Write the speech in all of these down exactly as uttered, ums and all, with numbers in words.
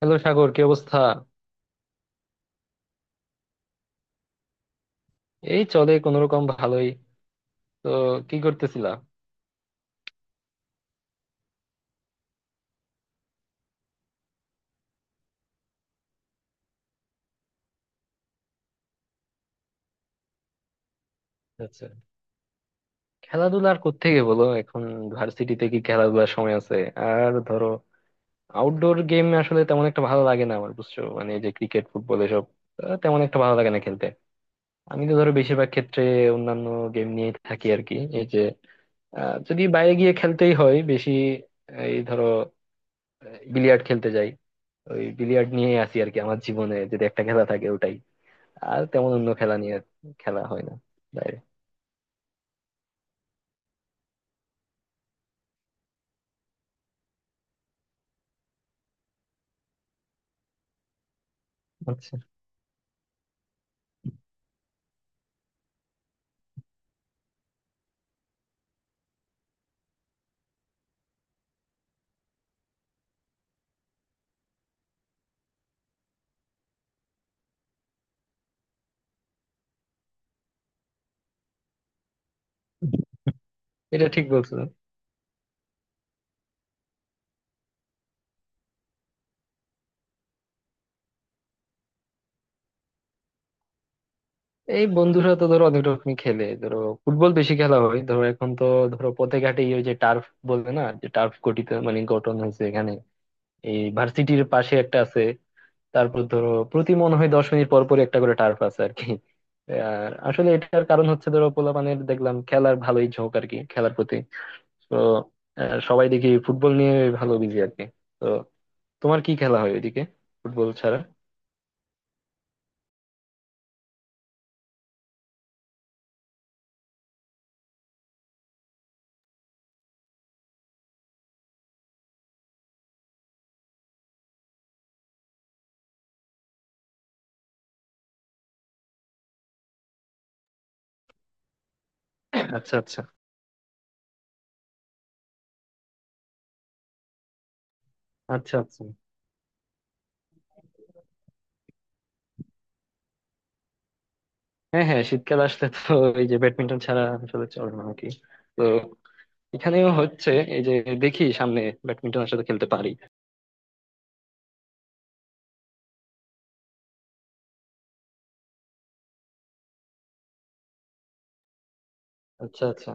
Hello Sagar কি অবস্থা। এই চলে কোন রকম ভালোই। তো কি করতেছিলা? আচ্ছা, খেলাধুলা আর কোত্থেকে বলো এখন। ভার্সিটিতে কি খেলাধুলার সময় আছে? আর ধরো আউটডোর গেম আসলে তেমন একটা ভালো লাগে না আমার, বুঝছো? মানে এই যে ক্রিকেট ফুটবল এসব আহ, তেমন একটা ভালো লাগে না খেলতে। আমি তো ধরো বেশিরভাগ ক্ষেত্রে অন্যান্য গেম নিয়ে থাকি আর কি। এই যে আহ, যদি বাইরে গিয়ে খেলতেই হয় বেশি, এই ধরো বিলিয়ার্ড খেলতে যাই। ওই বিলিয়ার্ড নিয়েই আসি আর কি, আমার জীবনে যদি একটা খেলা থাকে ওটাই। আর তেমন অন্য খেলা নিয়ে খেলা হয় না বাইরে। আচ্ছা। এটা ঠিক বলছো। এই বন্ধুরা তো ধরো অনেক রকমই খেলে, ধরো ফুটবল বেশি খেলা হয় ধরো এখন তো। ধরো পথে ঘাটে ওই যে টার্ফ বলে না, যে টার্ফ গঠিত মানে গঠন হয়েছে এখানে, এই ভার্সিটির পাশে একটা আছে। তারপর ধরো প্রতি মনে হয় দশ মিনিট পর পর একটা করে টার্ফ আছে আর কি। আর আসলে এটার কারণ হচ্ছে ধরো পোলাপানের দেখলাম খেলার ভালোই ঝোঁক আর কি, খেলার প্রতি। তো আহ, সবাই দেখি ফুটবল নিয়ে ভালো বিজি আর কি। তো তোমার কি খেলা হয় ওইদিকে ফুটবল ছাড়া? আচ্ছা আচ্ছা। আচ্ছা আচ্ছা। হ্যাঁ হ্যাঁ, শীতকাল আসলে তো এই যে ব্যাডমিন্টন ছাড়া আসলে চলে না আর কি। তো এখানেও হচ্ছে এই যে দেখি সামনে ব্যাডমিন্টন আসলে খেলতে পারি। আচ্ছা আচ্ছা।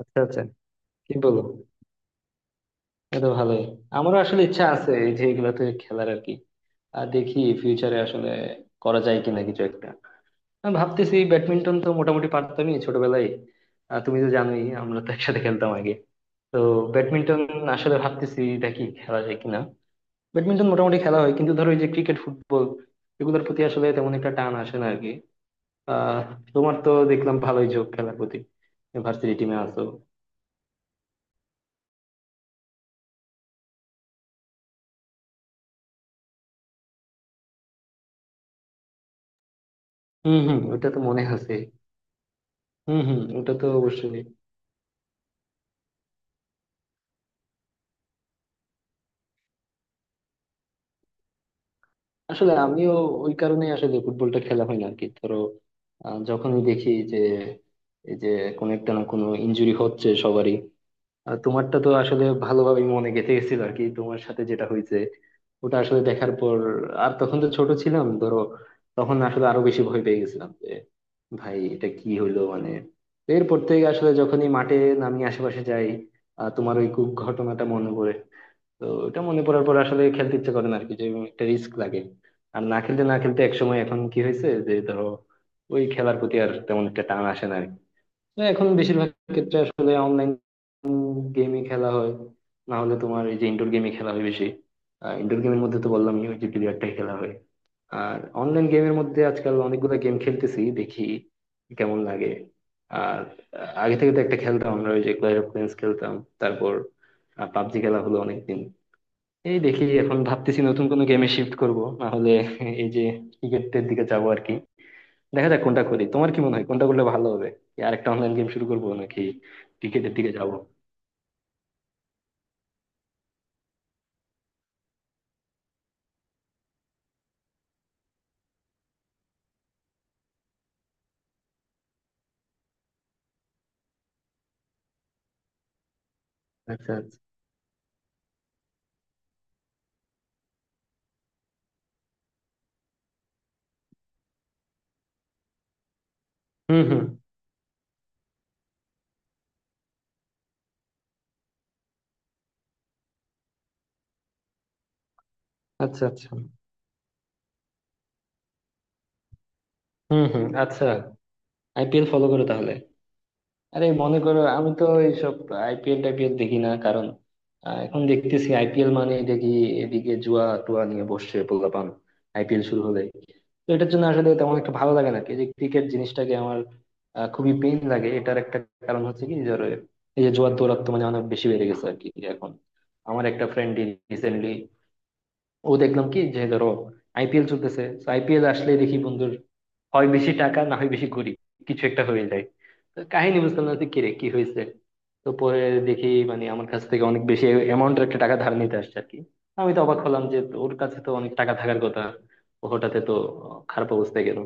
আচ্ছা আচ্ছা। কি বলো, এটা তো ভালোই। আমারও আসলে ইচ্ছা আছে এই যে এগুলাতে খেলার আর কি। আর দেখি ফিউচারে আসলে করা যায় কিনা কিছু একটা। আমি ভাবতেছি ব্যাডমিন্টন তো মোটামুটি পারতামই ছোটবেলায়। আহ, তুমি তো জানোই আমরা তো একসাথে খেলতাম আগে। তো ব্যাডমিন্টন আসলে ভাবতেছি দেখি খেলা যায় কিনা। ব্যাডমিন্টন মোটামুটি খেলা হয়, কিন্তু ধরো এই যে ক্রিকেট ফুটবল এগুলোর প্রতি আসলে তেমন একটা টান আসে না আর কি। আহ, তোমার তো দেখলাম ভালোই ঝোঁক খেলার প্রতি, ভার্সিটি টিমে আছো। হম হম, ওটা তো মনে আছে। হম হম, ওটা তো অবশ্যই। আসলে আমিও ওই কারণে আসলে ফুটবলটা খেলা হয় না আর কি ধরো। আহ, যখনই দেখি যে এই যে কোনো একটা না কোনো ইনজুরি হচ্ছে সবারই। আর তোমারটা তো আসলে ভালোভাবেই মনে গেঁথে গেছিল আর কি, তোমার সাথে যেটা হয়েছে ওটা আসলে দেখার পর। আর তখন তো ছোট ছিলাম ধরো, তখন আসলে আরো বেশি ভয় পেয়ে গেছিলাম যে ভাই এটা কি হইলো মানে। তো এরপর থেকে আসলে যখনই মাঠে নামি আশেপাশে যাই, আহ, তোমার ওই কু- ঘটনাটা মনে পড়ে। তো ওটা মনে পড়ার পর আসলে খেলতে ইচ্ছে করে না আর কি, যে একটা রিস্ক লাগে। আর না খেলতে না খেলতে একসময় এখন কি হয়েছে যে ধরো ওই খেলার প্রতি আর তেমন একটা টান আসে না আর কি। না, এখন বেশিরভাগ ক্ষেত্রে আসলে অনলাইন গেমই খেলা হয়। না হলে তোমার এই যে ইনডোর গেমই খেলা হয় বেশি। ইনডোর গেমের মধ্যে তো বললামই ওই যে বিলিয়ার্ডটাই খেলা হয়। আর অনলাইন গেমের মধ্যে আজকাল অনেকগুলো গেম খেলতেছি, দেখি কেমন লাগে। আর আহ, আগে থেকে তো একটা খেলতাম আমরা, ওই যে ক্ল্যাশ অফ ক্ল্যান্স খেলতাম। তারপর পাবজি খেলা হলো অনেকদিন। এই দেখি এখন ভাবতেছি নতুন কোনো গেমে শিফট করব, না হলে এই যে ক্রিকেটের দিকে যাবো আর কি। দেখা যাক কোনটা করি, তোমার কি মনে হয় কোনটা করলে ভালো হবে? কি আরেকটা অনলাইন গেম শুরু করবো নাকি ক্রিকেটের দিকে যাবো? আচ্ছা আচ্ছা। হুম হুম, আচ্ছা। আচ্ছা, হুম হুম। আচ্ছা, আইপিএল ফলো করো তাহলে। আরে মনে করো আমি তো এইসব আইপিএল টাইপিএল দেখি না, কারণ আহ, এখন দেখতেছি আইপিএল মানে দেখি এদিকে জুয়া টুয়া নিয়ে বসছে পোলাপান আইপিএল শুরু হলে। তো এটার জন্য আসলে তেমন একটা ভালো লাগে না এই যে ক্রিকেট জিনিসটাকে আমার। আহ, খুবই পেইন লাগে। এটার একটা কারণ হচ্ছে কি ধরো এই যে জুয়ার দৌরাত্ম্য মানে অনেক বেশি বেড়ে গেছে আর কি এখন। আমার একটা ফ্রেন্ড রিসেন্টলি, ও দেখলাম কি যে ধরো আইপিএল চলতেছে তো আইপিএল আসলে দেখি বন্ধুর হয় বেশি টাকা না হয় বেশি গরিব, কিছু একটা হয়ে যায়। তো কাহিনী বুঝতাম না যে কিরে কি হয়েছে। তো পরে দেখি মানে আমার কাছ থেকে অনেক বেশি অ্যামাউন্টের একটা টাকা ধার নিতে আসছে আর কি। আমি তো অবাক হলাম যে ওর কাছে তো অনেক টাকা থাকার কথা, ও হঠাৎ তো খারাপ অবস্থায় গেল।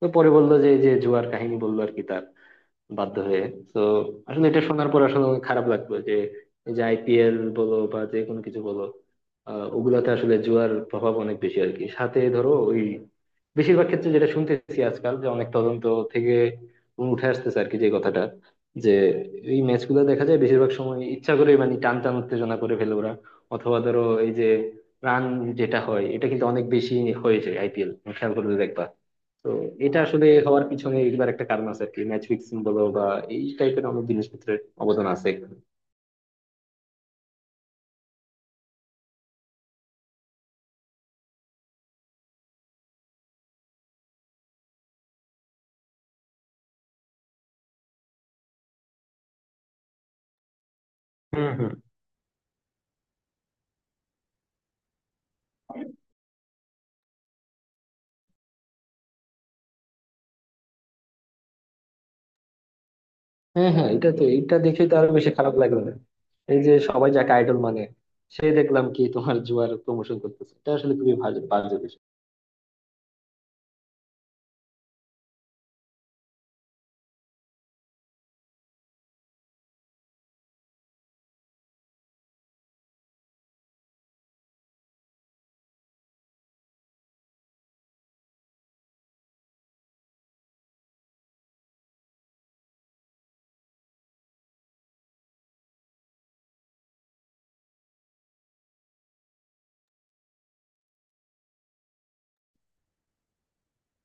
তো পরে বললো যে এই যে জুয়ার কাহিনী বললো আর কি, তার বাধ্য হয়ে। তো আসলে এটা শোনার পর আসলে অনেক খারাপ লাগলো যে এই যে আইপিএল বলো বা যে কোনো কিছু বলো আহ, ওগুলাতে আসলে জুয়ার প্রভাব অনেক বেশি আর কি, সাথে ধরো ওই বেশিরভাগ ক্ষেত্রে যেটা শুনতেছি আজকাল যে অনেক তদন্ত থেকে উঠে আসতেছে আর কি, যে কথাটা যে এই ম্যাচগুলো দেখা যায় বেশিরভাগ সময় ইচ্ছা করে মানে টান টান উত্তেজনা করে ফেলে ওরা। অথবা ধরো এই যে রান যেটা হয় এটা কিন্তু অনেক বেশি হয়েছে আইপিএল, খেয়াল করলে দেখবা। তো এটা আসলে হওয়ার পিছনে এগুলার একটা কারণ আছে আর কি, ম্যাচ ফিক্সিং বলো বা এই টাইপের অনেক জিনিসপত্রের অবদান আছে এখানে। হুম হুম। হ্যাঁ হ্যাঁ, এটা তো এটা দেখে তো আরো বেশি খারাপ লাগলো না। এই যে সবাই যাকে আইডল মানে, সে দেখলাম কি তোমার জুয়ার প্রমোশন করতেছে, এটা আসলে খুবই ভালো বাজে বিষয়।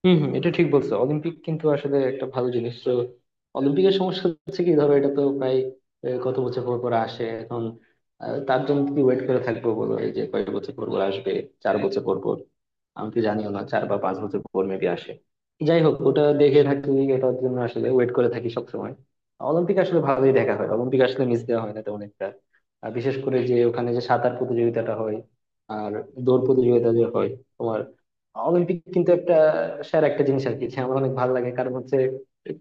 হম হম, এটা ঠিক বলছো, অলিম্পিক কিন্তু আসলে একটা ভালো জিনিস তো। অলিম্পিকের সমস্যা হচ্ছে কি ধরো এটা তো প্রায় আহ, কত বছর পর পর আসে এখন। আহ, তার জন্য কি ওয়েট করে থাকবো বলো, এই যে কয়েক বছর পর পর আসবে, চার বছর পর পর। আমি তো জানিও না, চার বা পাঁচ বছর পর মেবি আসে। যাই হোক ওটা দেখে থাকি, এটার জন্য আসলে ওয়েট করে থাকি সবসময়। অলিম্পিক আসলে ভালোই দেখা হয়, অলিম্পিক আসলে মিস দেওয়া হয় না তেমন একটা। আর বিশেষ করে যে ওখানে যে সাঁতার প্রতিযোগিতাটা হয় আর দৌড় প্রতিযোগিতা যে হয় তোমার। অলিম্পিক কিন্তু একটা স্যার একটা জিনিস আর কি, যে আমার অনেক ভালো লাগে। কারণ হচ্ছে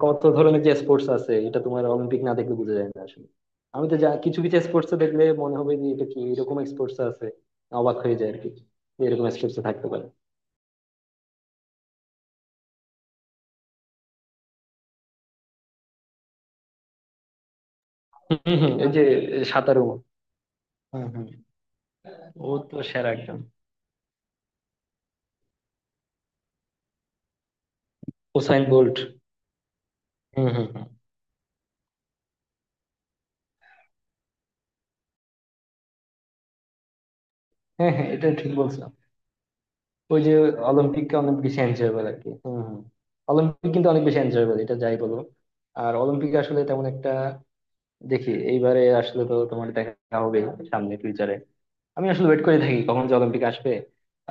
কত ধরনের যে স্পোর্টস আছে এটা তোমার অলিম্পিক না দেখলে বোঝা যায় না আসলে। আমি তো যা কিছু কিছু স্পোর্টস দেখলে মনে হবে যে এটা কি, এরকম স্পোর্টস আছে, অবাক হয়ে যায় আর কি, যে এরকম স্পোর্টস থাকতে পারে। হম হম, এই যে সাঁতারু। হুম হুম, ও তো সেরা একজন। Usain bolt. হুম হুম হুম। হ্যাঁ হ্যাঁ, এটা ঠিক বলছো। ওই যে অলিম্পিককে অনেক বেশি এনজয়েবল আর কি, হুম হুম। অলিম্পিক কিন্তু অনেক বেশি এনজয়েবল, এটা যাই বলো। আর অলিম্পিক আসলে তেমন একটা দেখি এইবারে আসলে তো তোমার দেখা হবে সামনে ফিউচারে। আমি আসলে ওয়েট করে থাকি কখন যে অলিম্পিক আসবে।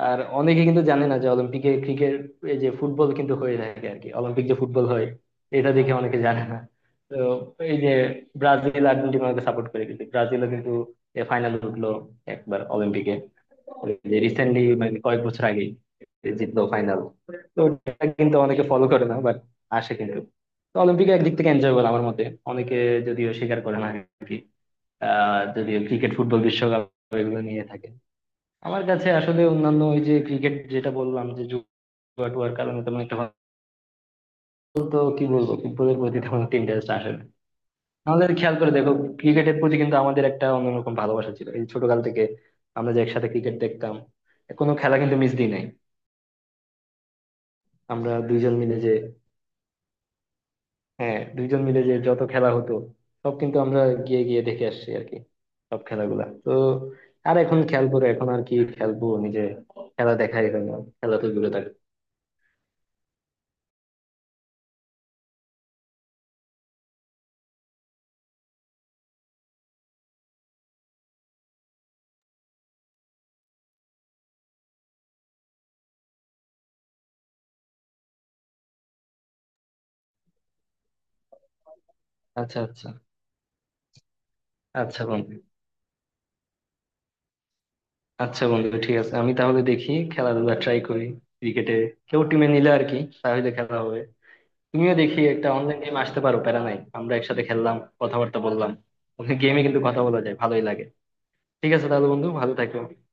আর অনেকে কিন্তু জানে না যে অলিম্পিকে ক্রিকেট, এই যে ফুটবল কিন্তু হয়ে থাকে আর কি, অলিম্পিক যে ফুটবল হয় এটা দেখে অনেকে জানে না। তো এই যে ব্রাজিল আর্জেন্টিনাকে সাপোর্ট করে, কিন্তু ব্রাজিলও কিন্তু ফাইনাল উঠলো একবার অলিম্পিকে, ওই যে রিসেন্টলি মানে কয়েক বছর আগে জিতলো ফাইনাল। তো ওটা কিন্তু অনেকে ফলো করে না, বাট আসে কিন্তু। তো অলিম্পিকে একদিক থেকে এনজয় করা আমার মতে অনেকে যদিও স্বীকার করে না আর কি, আহ, যদিও ক্রিকেট ফুটবল বিশ্বকাপ এগুলো নিয়ে থাকে। আমার কাছে আসলে অন্যান্য ওই যে ক্রিকেট যেটা বললাম যে জুয়া টুয়ার কারণে তেমন একটা ভালো। তো কি বলবো, ফুটবলের প্রতি তেমন একটা ইন্টারেস্ট আসে না। আমাদের খেয়াল করে দেখো, ক্রিকেটের প্রতি কিন্তু আমাদের একটা অন্যরকম ভালোবাসা ছিল এই ছোটকাল থেকে। আমরা যে একসাথে ক্রিকেট দেখতাম, কোনো খেলা কিন্তু মিস দিই নাই। আমরা দুইজন মিলে যে, হ্যাঁ দুইজন মিলে যে যত খেলা হতো সব কিন্তু আমরা গিয়ে গিয়ে দেখে আসছি আর কি, সব খেলাগুলা তো। আর এখন খেয়াল করে এখন আর কি খেলবো নিজে, খেলা দেখাই হয় না, খেলা তো দূরে থাকে। আচ্ছা আচ্ছা। আচ্ছা বন্ধু। আচ্ছা বন্ধু, ঠিক আছে, আমি তাহলে দেখি খেলাধুলা ট্রাই করি। ক্রিকেটে কেউ টিমে নিলে আর কি তাহলে খেলা হবে। তুমিও দেখি একটা অনলাইন গেম আসতে পারো, প্যারা নাই, আমরা একসাথে খেললাম, কথাবার্তা বললাম। গেমে কিন্তু কথা বলা যায়, ভালোই লাগে। ঠিক আছে তাহলে বন্ধু, ভালো থাকো।